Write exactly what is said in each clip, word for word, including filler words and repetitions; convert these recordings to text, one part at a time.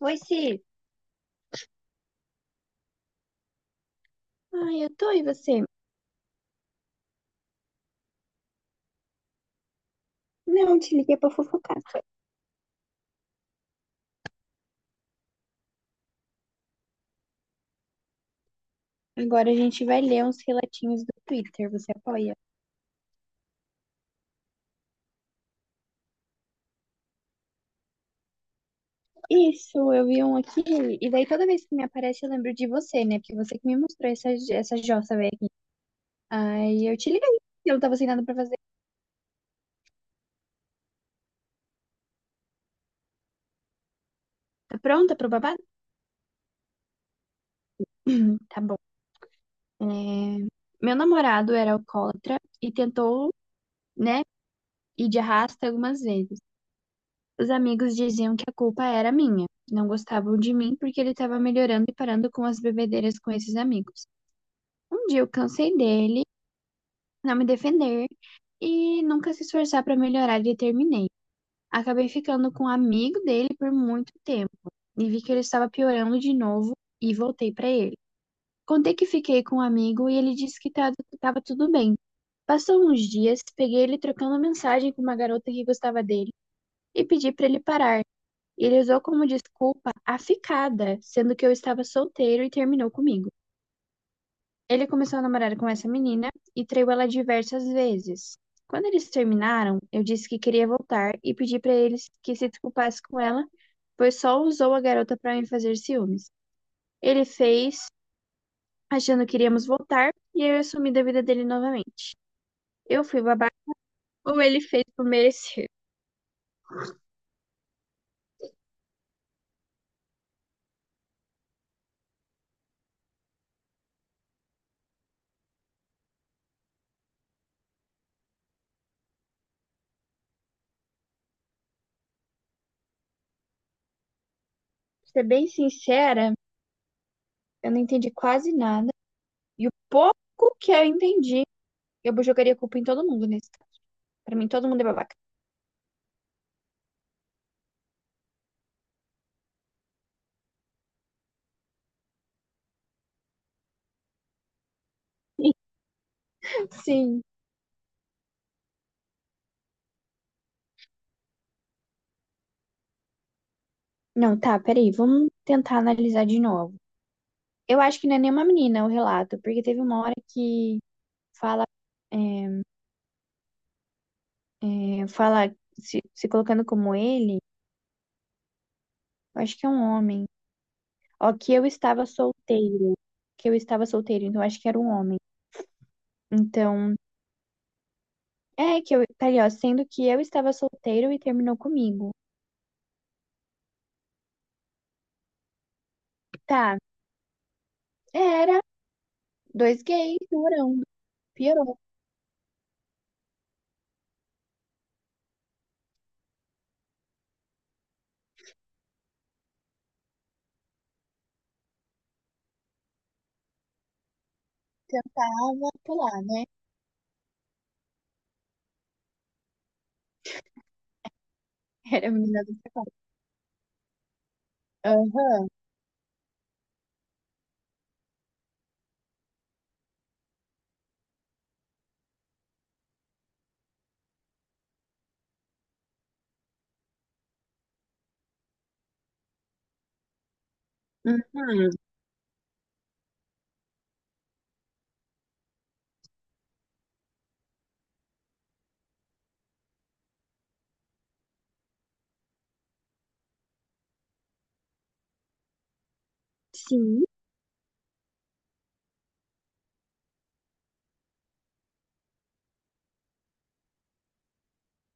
Oi, Si. Ai, eu tô, e você? Não, te liguei pra fofocar. Agora a gente vai ler uns relatinhos do Twitter, você apoia? Isso, eu vi um aqui, e daí toda vez que me aparece eu lembro de você, né? Porque você que me mostrou essa, essa jossa velha aqui. Aí eu te liguei, eu não tava sem nada pra fazer. Tá pronta pro babado? Tá bom. É, Meu namorado era alcoólatra e tentou, né, ir de arrasta algumas vezes. Os amigos diziam que a culpa era minha. Não gostavam de mim porque ele estava melhorando e parando com as bebedeiras com esses amigos. Um dia eu cansei dele, não me defender e nunca se esforçar para melhorar e terminei. Acabei ficando com um amigo dele por muito tempo e vi que ele estava piorando de novo e voltei para ele. Contei que fiquei com um amigo e ele disse que estava tudo bem. Passou uns dias, peguei ele trocando mensagem com uma garota que gostava dele e pedi para ele parar e ele usou como desculpa a ficada, sendo que eu estava solteiro e terminou comigo. Ele começou a namorar com essa menina e traiu ela diversas vezes. Quando eles terminaram, eu disse que queria voltar e pedi para eles que se desculpasse com ela, pois só usou a garota para me fazer ciúmes. Ele fez, achando que iríamos voltar, e eu assumi da vida dele novamente. Eu fui babaca ou ele fez por merecer. Pra ser bem sincera, eu não entendi quase nada, e o pouco que eu entendi eu jogaria culpa em todo mundo nesse. Caso. Pra mim, todo mundo é babaca. Sim. Não, tá, peraí, vamos tentar analisar de novo. Eu acho que não é nenhuma menina o relato, porque teve uma hora que fala, é, é, fala se, se colocando como ele, eu acho que é um homem. Ó, que eu estava solteiro, que eu estava solteiro, então eu acho que era um homem. Então, é que eu, tá ali, ó, sendo que eu estava solteiro e terminou comigo. Tá, era, dois gays, durão, piorou, tava, pular, né? Era a menina do sapato. Aham. Uhum. Sim.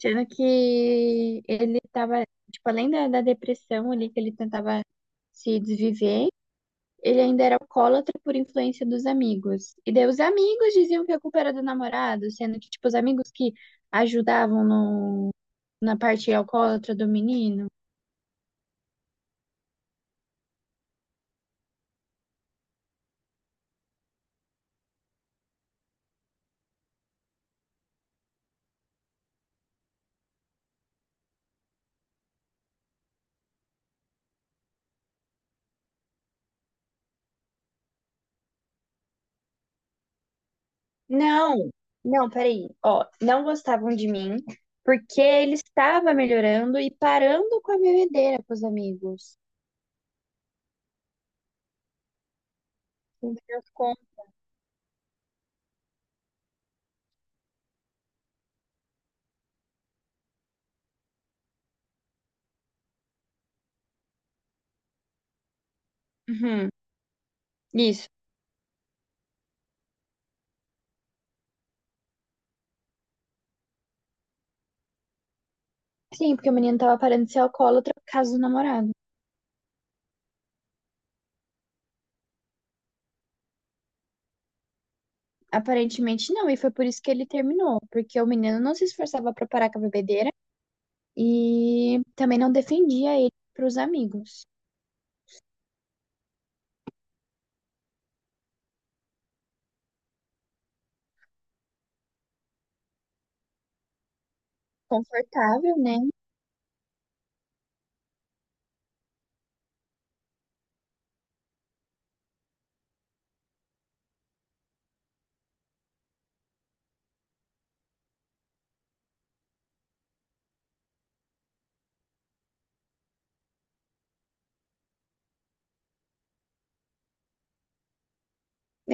Sendo que ele tava, tipo, além da, da depressão ali, que ele tentava se desviver, ele ainda era alcoólatra por influência dos amigos. E daí os amigos diziam que a culpa era do namorado, sendo que, tipo, os amigos que ajudavam no, na parte alcoólatra do menino. Não, não, peraí. Ó, não gostavam de mim, porque ele estava melhorando e parando com a bebedeira com os amigos. Meu Deus, como? Uhum. Isso. Sim, porque o menino tava parando de ser alcoólatra por causa do namorado. Aparentemente não, e foi por isso que ele terminou, porque o menino não se esforçava pra parar com a bebedeira e também não defendia ele pros amigos. Confortável, né?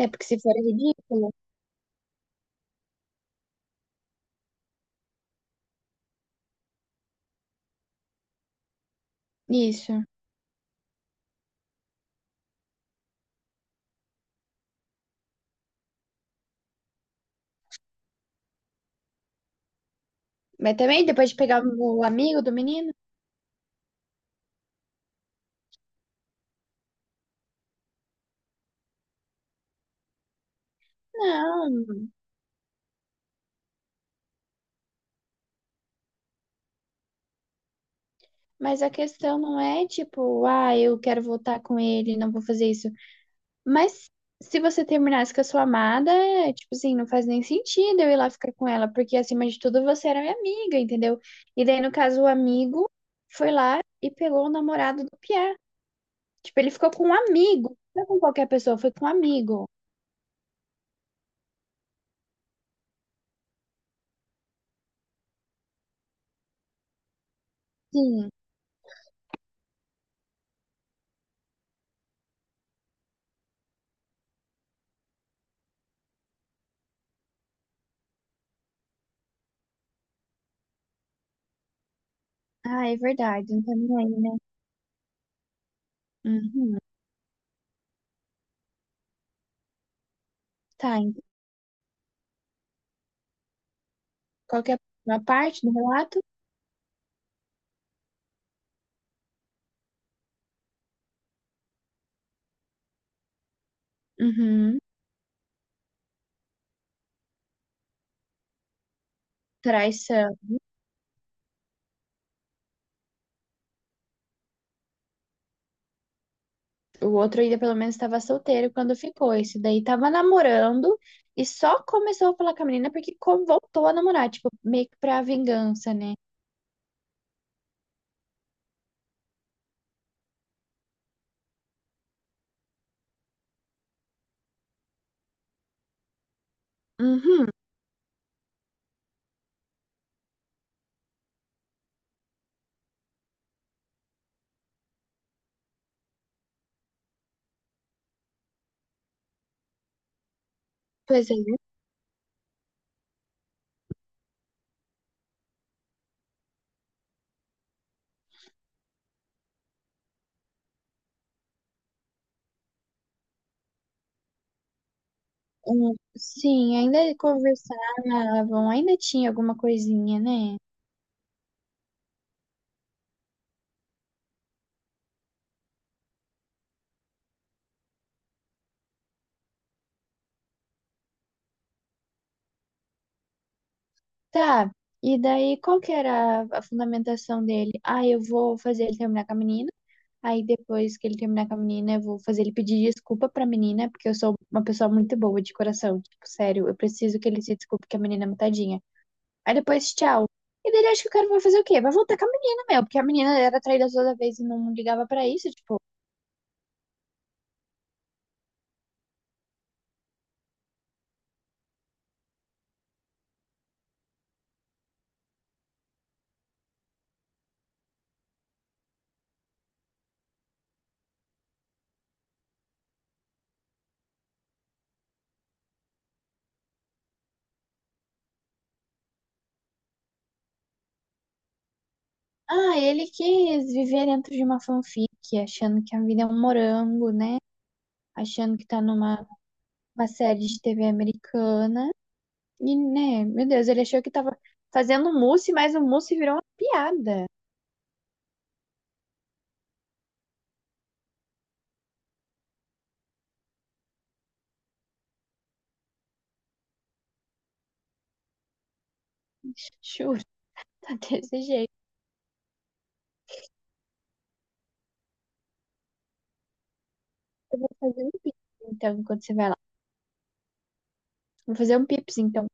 É porque se for é ridículo. Isso. Mas também depois de pegar o amigo do menino? Não. Mas a questão não é tipo, ah, eu quero voltar com ele, não vou fazer isso. Mas se você terminasse com a sua amada, é, tipo assim, não faz nem sentido eu ir lá ficar com ela, porque acima de tudo você era minha amiga, entendeu? E daí, no caso, o amigo foi lá e pegou o namorado do Pierre. Tipo, ele ficou com um amigo, não com qualquer pessoa, foi com um amigo. Sim. Ah, é verdade, não tá nem aí, né? Uhum. Tá, então, qualquer uma parte do relato? Uhum. Traição. O outro ainda pelo menos estava solteiro quando ficou. Esse daí tava namorando e só começou a falar com a menina porque co- voltou a namorar, tipo, meio que pra vingança, né? Uhum, pois é. Um- sim, ainda conversavam, ainda tinha alguma coisinha, né? Tá. E daí, qual que era a a fundamentação dele? Ah, eu vou fazer ele terminar com a menina. Aí depois que ele terminar com a menina, eu vou fazer ele pedir desculpa pra menina, porque eu sou uma pessoa muito boa de coração. Tipo, sério, eu preciso que ele se desculpe que a menina é mutadinha. Aí depois, tchau. E dele acho que o cara vai fazer o quê? Vai voltar com a menina, meu, porque a menina era traída toda vez e não ligava pra isso, tipo. Ah, ele quis viver dentro de uma fanfic, achando que a vida é um morango, né? Achando que tá numa uma série de T V americana. E, né, meu Deus, ele achou que tava fazendo um mousse, mas o mousse virou uma piada. Chu. Tá desse jeito. Eu vou fazer um pips, então, enquanto você vai lá. Vou fazer um pips, então.